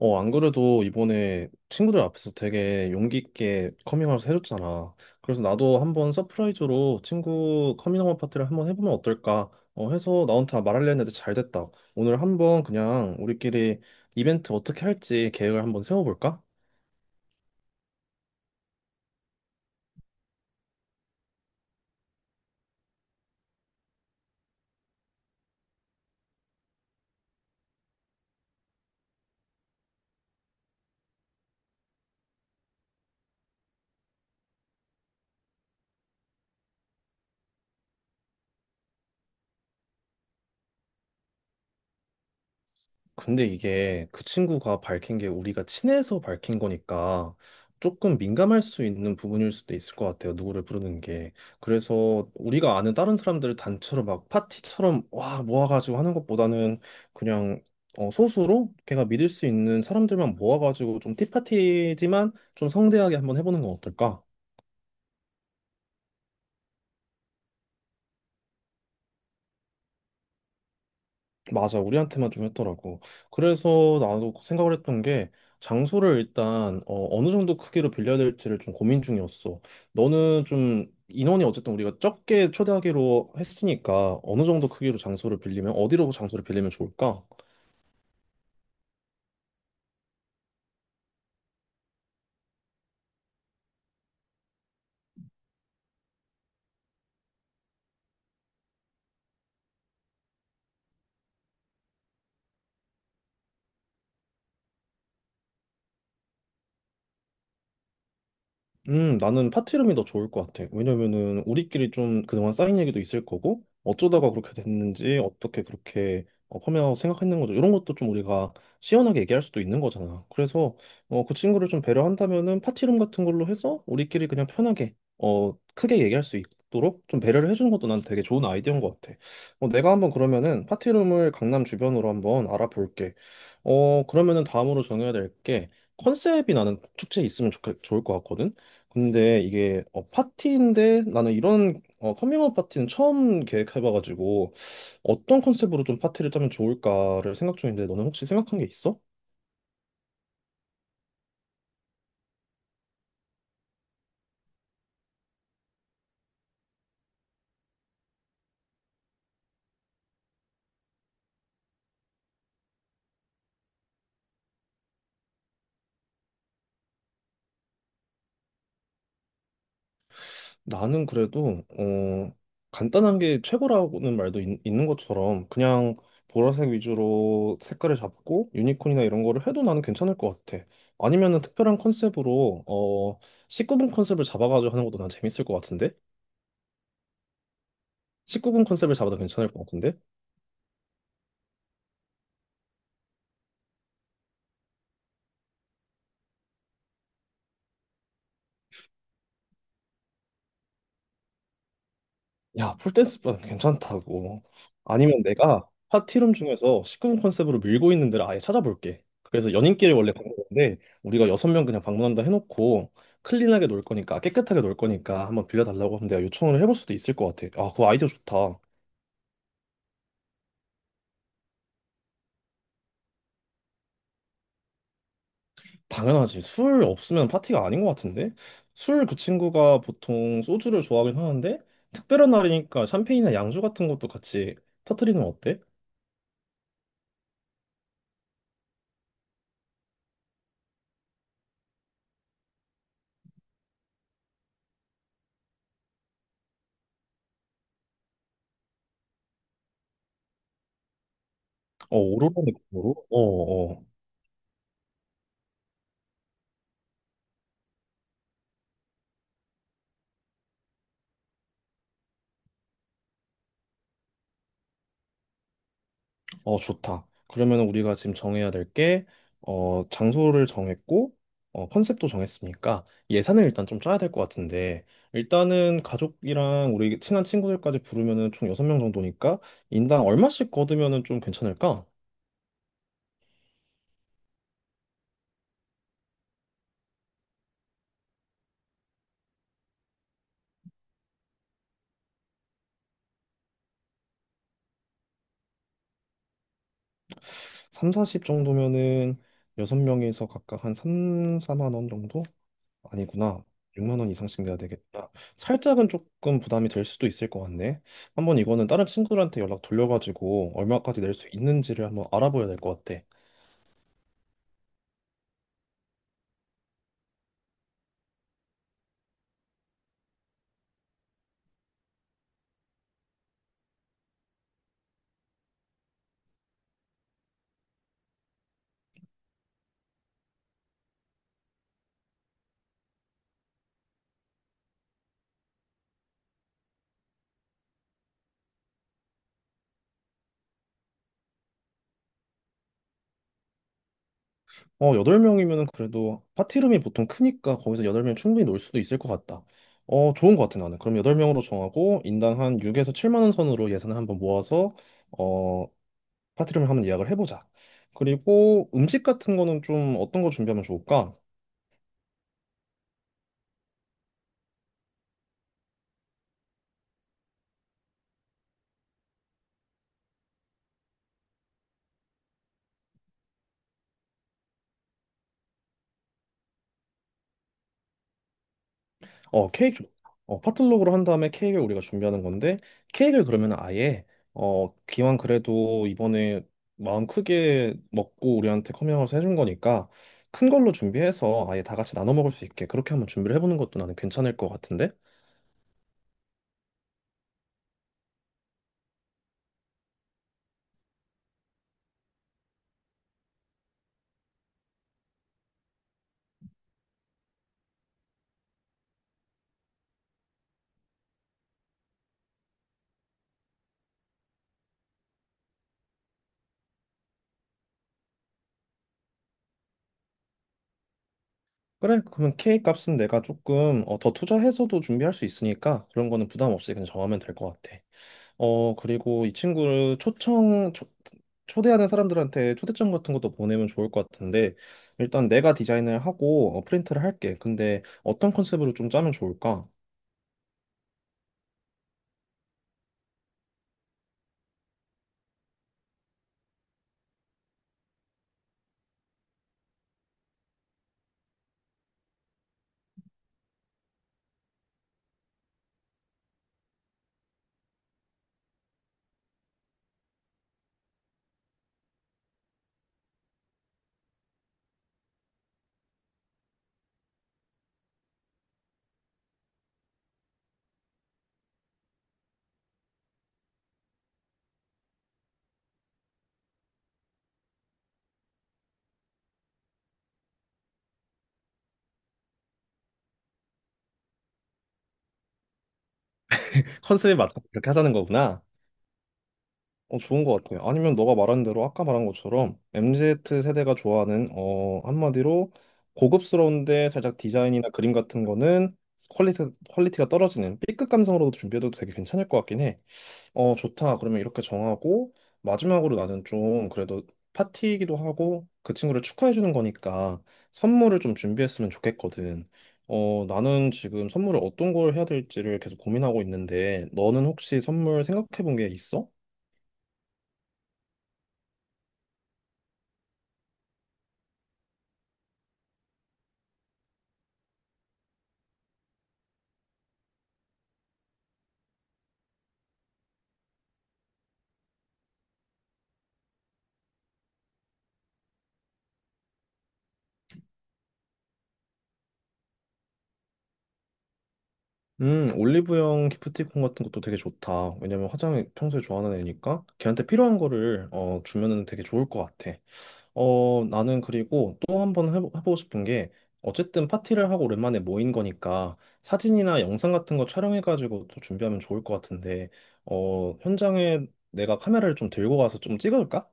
안 그래도 이번에 친구들 앞에서 되게 용기 있게 커밍아웃 해줬잖아. 그래서 나도 한번 서프라이즈로 친구 커밍아웃 파티를 한번 해보면 어떨까? 해서 나한테 말하려 했는데 잘 됐다. 오늘 한번 그냥 우리끼리 이벤트 어떻게 할지 계획을 한번 세워볼까? 근데 이게 그 친구가 밝힌 게 우리가 친해서 밝힌 거니까 조금 민감할 수 있는 부분일 수도 있을 것 같아요. 누구를 부르는 게. 그래서 우리가 아는 다른 사람들을 단체로 막 파티처럼 와 모아가지고 하는 것보다는 그냥 소수로 걔가 믿을 수 있는 사람들만 모아가지고 좀 티파티지만 좀 성대하게 한번 해보는 건 어떨까? 맞아, 우리한테만 좀 했더라고. 그래서 나도 생각을 했던 게 장소를 일단 어느 정도 크기로 빌려야 될지를 좀 고민 중이었어. 너는 좀 인원이 어쨌든 우리가 적게 초대하기로 했으니까 어느 정도 크기로 장소를 빌리면 어디로 장소를 빌리면 좋을까? 나는 파티룸이 더 좋을 것 같아. 왜냐면은 우리끼리 좀 그동안 쌓인 얘기도 있을 거고, 어쩌다가 그렇게 됐는지, 어떻게 그렇게 펌웨어하고 생각했는 거죠. 이런 것도 좀 우리가 시원하게 얘기할 수도 있는 거잖아. 그래서 그 친구를 좀 배려한다면은 파티룸 같은 걸로 해서 우리끼리 그냥 편하게 크게 얘기할 수 있도록 좀 배려를 해주는 것도 난 되게 좋은 아이디어인 것 같아. 내가 한번 그러면은 파티룸을 강남 주변으로 한번 알아볼게. 그러면은 다음으로 정해야 될 게 컨셉이 나는 축제에 있으면 좋 좋을 것 같거든. 근데 이게 파티인데 나는 이런 컴밍아웃 파티는 처음 계획해봐가지고 어떤 컨셉으로 좀 파티를 짜면 좋을까를 생각 중인데 너는 혹시 생각한 게 있어? 나는 그래도 간단한 게 최고라는 말도 는 것처럼 그냥 보라색 위주로 색깔을 잡고 유니콘이나 이런 거를 해도 나는 괜찮을 것 같아. 아니면은 특별한 컨셉으로 19금 컨셉을 잡아가지고 하는 것도 난 재밌을 것 같은데? 19금 컨셉을 잡아도 괜찮을 것 같은데? 야, 폴댄스반 괜찮다고. 아니면 내가 파티룸 중에서 식구금 컨셉으로 밀고 있는 데를 아예 찾아볼게. 그래서 연인끼리 원래 가는 건데 우리가 여섯 명 그냥 방문한다 해놓고 클린하게 놀 거니까 깨끗하게 놀 거니까 한번 빌려달라고 하면 내가 요청을 해볼 수도 있을 것 같아. 아, 그 아이디어 좋다. 당연하지. 술 없으면 파티가 아닌 것 같은데? 술 그 친구가 보통 소주를 좋아하긴 하는데 특별한 날이니까 샴페인이나 양주 같은 것도 같이 터트리는 건 어때? 어, 오로라 느낌으로? 어, 어. 좋다. 그러면 우리가 지금 정해야 될 게, 장소를 정했고, 컨셉도 정했으니까 예산을 일단 좀 짜야 될 것 같은데, 일단은 가족이랑 우리 친한 친구들까지 부르면은 총 6명 정도니까 인당 얼마씩 거두면은 좀 괜찮을까? 3, 40 정도면은 6명에서 각각 한 3, 4만 원 정도? 아니구나. 6만 원 이상씩 내야 되겠구나. 살짝은 조금 부담이 될 수도 있을 것 같네. 한번 이거는 다른 친구들한테 연락 돌려가지고 얼마까지 낼 수 있는지를 한번 알아봐야 될 것 같아. 8명이면은 그래도 파티룸이 보통 크니까 거기서 8명 충분히 놀 수도 있을 것 같다. 좋은 것 같아 나는. 그럼 8명으로 정하고 인당 한 6에서 7만 원 선으로 예산을 한번 모아서 어, 파티룸을 한번 예약을 해보자. 그리고 음식 같은 거는 좀 어떤 거 준비하면 좋을까? 어, 케이크 좋다. 파틀록으로 한 다음에 케이크를 우리가 준비하는 건데, 케이크를 그러면 아예, 기왕 그래도 이번에 마음 크게 먹고 우리한테 커밍아웃을 해준 거니까, 큰 걸로 준비해서 아예 다 같이 나눠 먹을 수 있게 그렇게 한번 준비를 해보는 것도 나는 괜찮을 것 같은데? 그래, 그러면 케이크 값은 내가 조금 더 투자해서도 준비할 수 있으니까 그런 거는 부담 없이 그냥 정하면 될 것 같아. 그리고 이 친구를 초대하는 사람들한테 초대장 같은 것도 보내면 좋을 것 같은데, 일단 내가 디자인을 하고 프린트를 할게. 근데 어떤 컨셉으로 좀 짜면 좋을까? 컨셉에 맞게 이렇게 하자는 거구나. 어, 좋은 것 같아요. 아니면 너가 말한 대로 아까 말한 것처럼 MZ 세대가 좋아하는, 어, 한마디로 고급스러운데 살짝 디자인이나 그림 같은 거는 퀄리티, 퀄리티가 떨어지는 B급 감성으로도 준비해도 되게 괜찮을 것 같긴 해. 좋다. 그러면 이렇게 정하고, 마지막으로 나는 좀 그래도 파티이기도 하고, 그 친구를 축하해주는 거니까 선물을 좀 준비했으면 좋겠거든. 나는 지금 선물을 어떤 걸 해야 될지를 계속 고민하고 있는데, 너는 혹시 선물 생각해 본 게 있어? 올리브영 기프티콘 같은 것도 되게 좋다. 왜냐면 화장이 평소에 좋아하는 애니까 걔한테 필요한 거를 주면은 되게 좋을 것 같아. 나는 그리고 또 한 번 해보고 싶은 게, 어쨌든 파티를 하고 오랜만에 모인 거니까 사진이나 영상 같은 거 촬영해가지고 또 준비하면 좋을 것 같은데, 현장에 내가 카메라를 좀 들고 가서 좀 찍어줄까?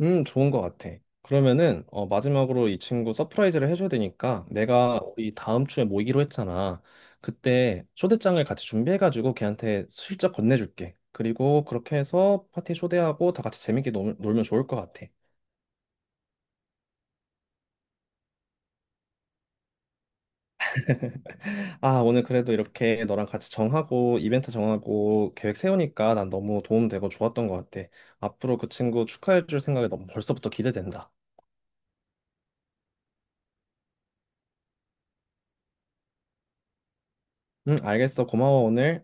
좋은 것 같아. 그러면은, 마지막으로 이 친구 서프라이즈를 해줘야 되니까, 내가 우리 다음 주에 모이기로 했잖아. 그때 초대장을 같이 준비해가지고 걔한테 슬쩍 건네줄게. 그리고 그렇게 해서 파티 초대하고 다 같이 재밌게 놀면 좋을 것 같아. 아, 오늘 그래도 이렇게 너랑 같이 정하고 이벤트 정하고 계획 세우니까 난 너무 도움되고 좋았던 것 같아. 앞으로 그 친구 축하해줄 생각이 너무 벌써부터 기대된다. 응, 알겠어. 고마워, 오늘.